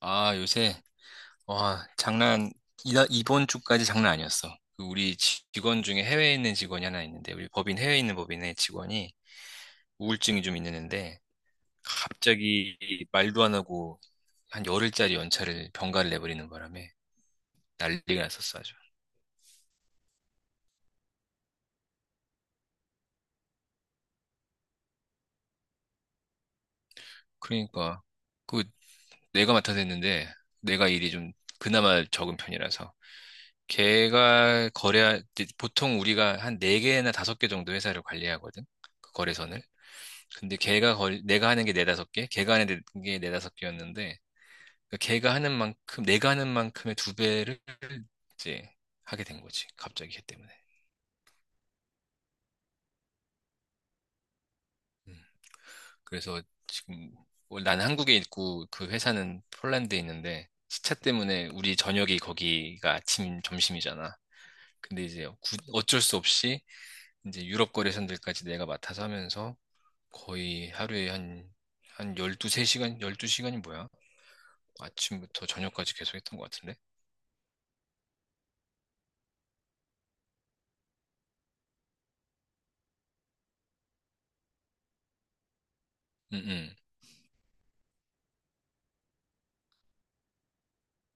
아, 요새, 와, 장난, 이번 주까지 장난 아니었어. 그 우리 직원 중에 해외에 있는 직원이 하나 있는데, 우리 법인, 해외에 있는 법인의 직원이 우울증이 좀 있는데, 갑자기 말도 안 하고 한 열흘짜리 연차를 병가를 내버리는 바람에 난리가 났었어, 아주. 그러니까, 그 내가 맡아서 했는데, 내가 일이 좀 그나마 적은 편이라서, 걔가 거래, 보통 우리가 한 네개나 다섯 개 정도 회사를 관리하거든? 그 거래선을. 근데 걔가 내가 하는 게 네다섯 개, 걔가 하는 게 네다섯 개였는데, 그 걔가 하는 만큼, 내가 하는 만큼의 두 배를 이제 하게 된 거지. 갑자기 걔 때문에. 음. 그래서 지금, 나는 한국에 있고 그 회사는 폴란드에 있는데, 시차 때문에 우리 저녁이 거기가 아침, 점심이잖아. 근데 이제 어쩔 수 없이 이제 유럽 거래선들까지 내가 맡아서 하면서 거의 하루에 한, 한 12, 3시간, 12시간이 뭐야? 아침부터 저녁까지 계속 했던 것 같은데? 음, 음.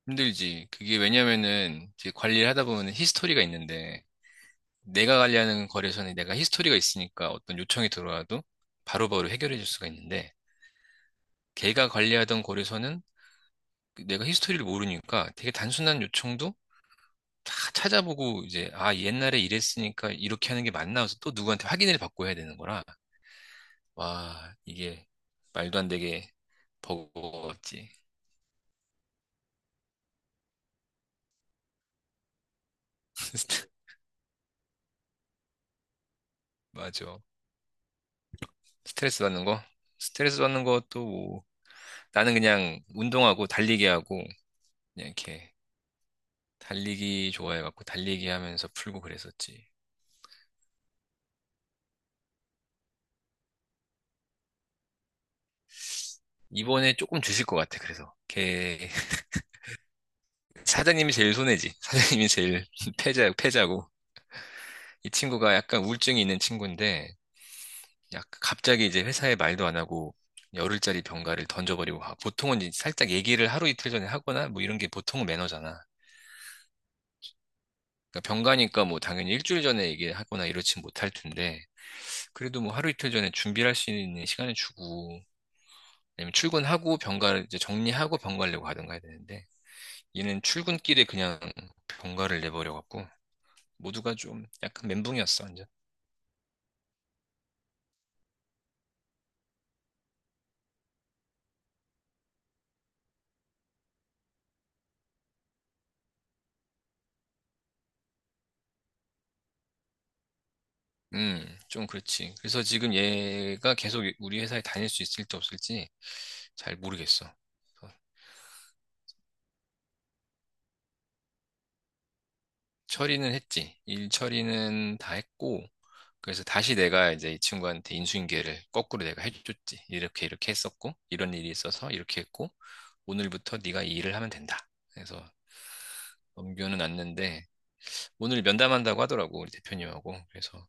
힘들지. 그게 왜냐면은 이제 관리를 하다 보면 히스토리가 있는데 내가 관리하는 거래소는 내가 히스토리가 있으니까 어떤 요청이 들어와도 바로바로 해결해 줄 수가 있는데 걔가 관리하던 거래소는 내가 히스토리를 모르니까 되게 단순한 요청도 다 찾아보고 이제 아 옛날에 이랬으니까 이렇게 하는 게 맞나 해서 또 누구한테 확인을 받고 해야 되는 거라 와 이게 말도 안 되게 버거웠지. 맞아. 스트레스 받는 거? 스트레스 받는 것도 뭐 나는 그냥 운동하고 달리기 하고 그냥 이렇게 달리기 좋아해갖고 달리기 하면서 풀고 그랬었지. 이번에 조금 주실 것 같아. 그래서 걔 사장님이 제일 손해지. 사장님이 제일 패자 패자고 이 친구가 약간 우울증이 있는 친구인데 약 갑자기 이제 회사에 말도 안 하고 열흘짜리 병가를 던져버리고 가. 보통은 이제 살짝 얘기를 하루 이틀 전에 하거나 뭐 이런 게 보통은 매너잖아. 그러니까 병가니까 뭐 당연히 일주일 전에 얘기하거나 이러진 못할 텐데 그래도 뭐 하루 이틀 전에 준비할 수 있는 시간을 주고 아니면 출근하고 병가를 이제 정리하고 병가려고 하든가 해야 되는데 얘는 출근길에 그냥 병가를 내버려갖고 모두가 좀 약간 멘붕이었어 완전. 좀 그렇지. 그래서 지금 얘가 계속 우리 회사에 다닐 수 있을지 없을지 잘 모르겠어. 그래서 처리는 했지. 일 처리는 다 했고, 그래서 다시 내가 이제 이 친구한테 인수인계를 거꾸로 내가 해줬지. 이렇게 이렇게 했었고, 이런 일이 있어서 이렇게 했고, 오늘부터 네가 이 일을 하면 된다. 그래서 넘겨는 놨는데, 오늘 면담한다고 하더라고, 우리 대표님하고. 그래서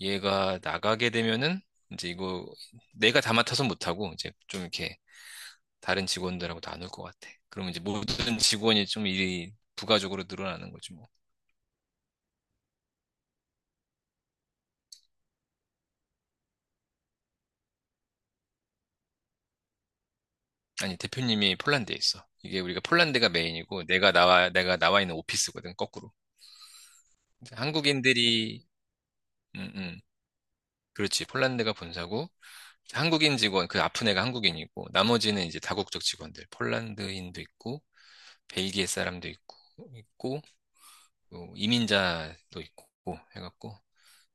얘가 나가게 되면은 이제 이거 내가 다 맡아서 못하고 이제 좀 이렇게 다른 직원들하고 나눌 것 같아. 그러면 이제 모든 직원이 좀 일이 부가적으로 늘어나는 거지 뭐. 아니, 대표님이 폴란드에 있어. 이게 우리가 폴란드가 메인이고 내가 나와, 내가 나와 있는 오피스거든, 거꾸로. 한국인들이, 음, 음, 그렇지. 폴란드가 본사고 한국인 직원, 그 아픈 애가 한국인이고 나머지는 이제 다국적 직원들, 폴란드인도 있고 벨기에 사람도 있고, 있고, 뭐 이민자도 있고, 해갖고,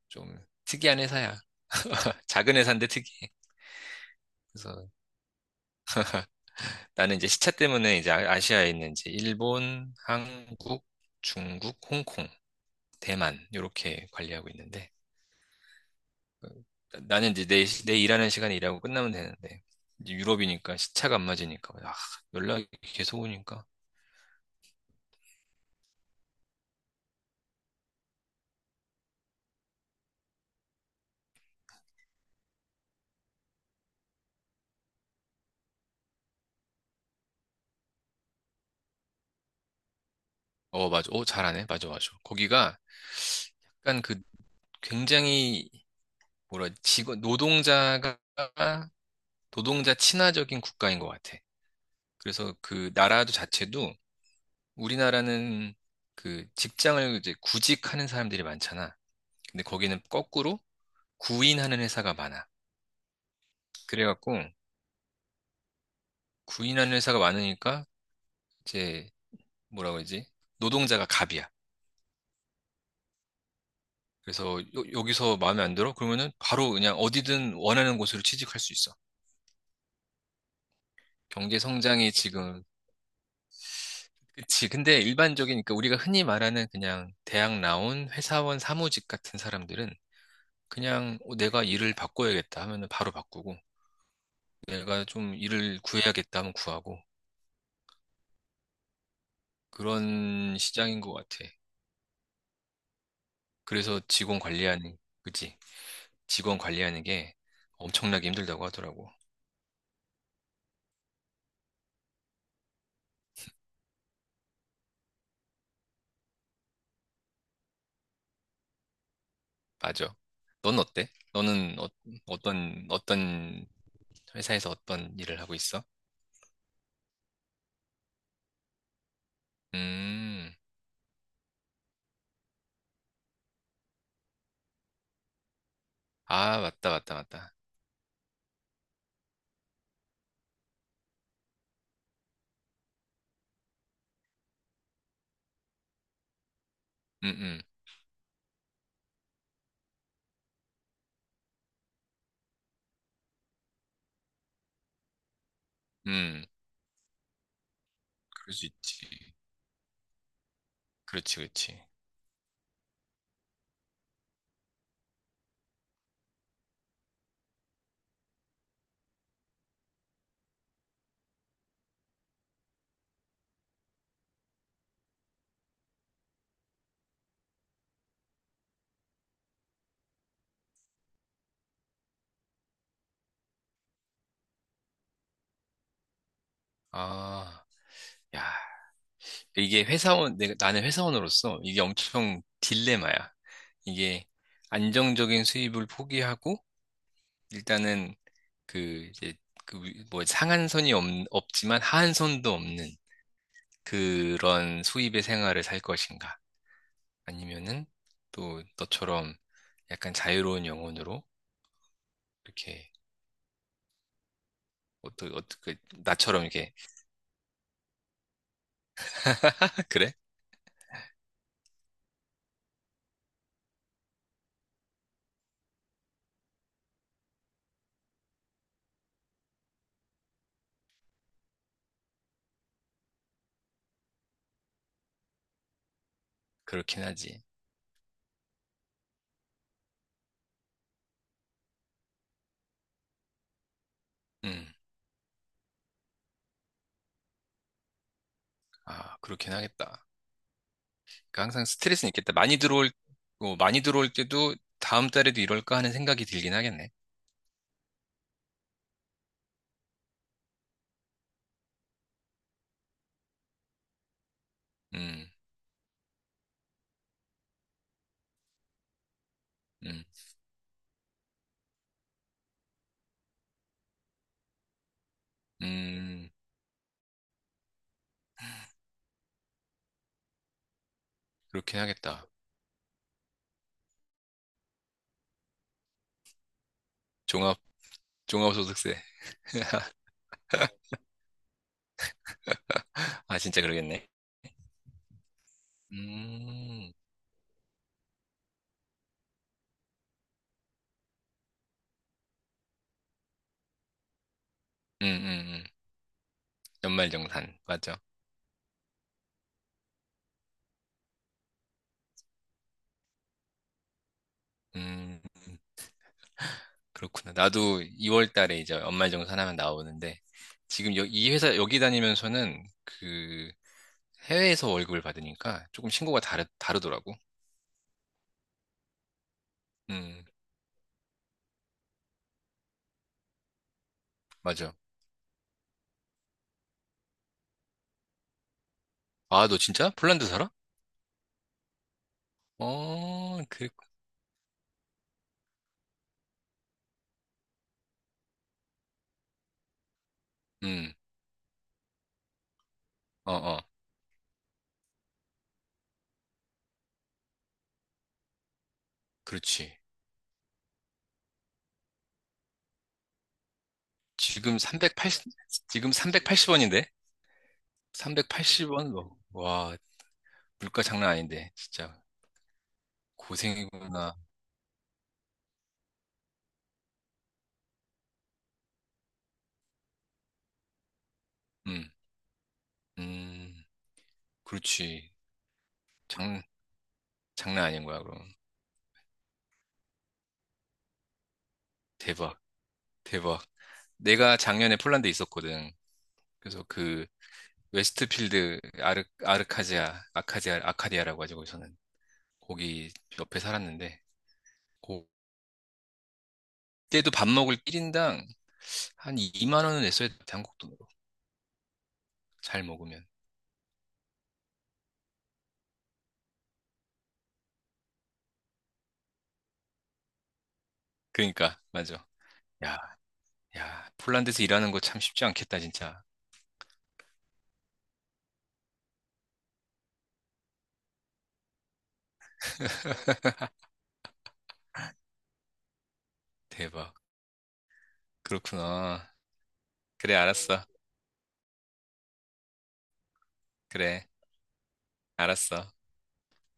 좀 특이한 회사야. 작은 회사인데 특이해. 그래서 나는 이제 시차 때문에 이제 아시아에 있는 이제 일본, 한국, 중국, 홍콩, 대만, 요렇게 관리하고 있는데, 어, 나는 이제 내, 내 일하는 시간에 일하고 끝나면 되는데, 이제 유럽이니까 시차가 안 맞으니까, 아, 연락이 계속 오니까, 어, 맞아. 어, 잘하네. 맞아, 맞아. 거기가 약간 그 굉장히 뭐라 직원 노동자가 노동자 친화적인 국가인 것 같아. 그래서 그 나라도 자체도 우리나라는 그 직장을 이제 구직하는 사람들이 많잖아. 근데 거기는 거꾸로 구인하는 회사가 많아. 그래갖고 구인하는 회사가 많으니까 이제 뭐라 그러지? 노동자가 갑이야. 그래서 여, 기서 마음에 안 들어? 그러면은 바로 그냥 어디든 원하는 곳으로 취직할 수 있어. 경제 성장이 지금 그치. 근데 일반적인, 그러니까 우리가 흔히 말하는 그냥 대학 나온 회사원 사무직 같은 사람들은 그냥 어, 내가 일을 바꿔야겠다 하면은 바로 바꾸고, 내가 좀 일을 구해야겠다 하면 구하고, 그런 시장인 것 같아. 그래서 직원 관리하는, 그치. 직원 관리하는 게 엄청나게 힘들다고 하더라고. 맞아. 넌 어때? 너는 어, 어떤, 어떤 회사에서 어떤 일을 하고 있어? 음, 아, 맞다, 맞다, 맞다. 음, 음, 음. 그럴 수 있지. 그렇지, 그렇지. 아, 야, 이게 회사원, 내가, 나는 회사원으로서 이게 엄청 딜레마야. 이게 안정적인 수입을 포기하고, 일단은 그, 이제, 그, 뭐, 상한선이 없, 없지만 하한선도 없는 그런 수입의 생활을 살 것인가. 아니면은 또 너처럼 약간 자유로운 영혼으로 이렇게, 어떻게, 어떻게, 나처럼 이렇게, 그래? 그렇긴 하지. 음, 아, 그렇긴 하겠다. 그러니까 항상 스트레스는 있겠다. 많이 들어올, 어, 많이 들어올 때도 다음 달에도 이럴까 하는 생각이 들긴 하겠네. 음, 음, 음, 그렇긴 하겠다. 종합, 종합소득세. 아, 진짜 그러겠네. 음, 음, 음, 음. 연말정산. 맞아. 음, 그렇구나. 나도 2월 달에 이제 연말정산 하면 나오는데, 지금 여, 이 회사, 여기 다니면서는 그 해외에서 월급을 받으니까 조금 신고가 다르더라고. 음, 맞아. 아, 너 진짜? 폴란드 살아? 어, 그, 음, 어, 어, 그렇지. 지금 380, 지금 삼백팔십 원인데? 삼백팔십 원인데 380원? 뭐, 와, 물가 장난 아닌데. 진짜 고생이구나. 음, 음, 그렇지. 장, 장난 아닌 거야, 그럼. 대박, 대박. 내가 작년에 폴란드에 있었거든. 그래서 그, 웨스트필드 아르카지아, 아카디아, 아카디아라고 하죠, 거기서는. 거기 옆에 살았는데. 그때도 밥 먹을 1인당 한 2만 원은 냈어야 돼, 한국 돈. 잘 먹으면. 그러니까 맞아. 야, 야, 폴란드에서 일하는 거 참 쉽지 않겠다, 진짜. 대박. 그렇구나. 그래, 알았어. 그래, 알았어.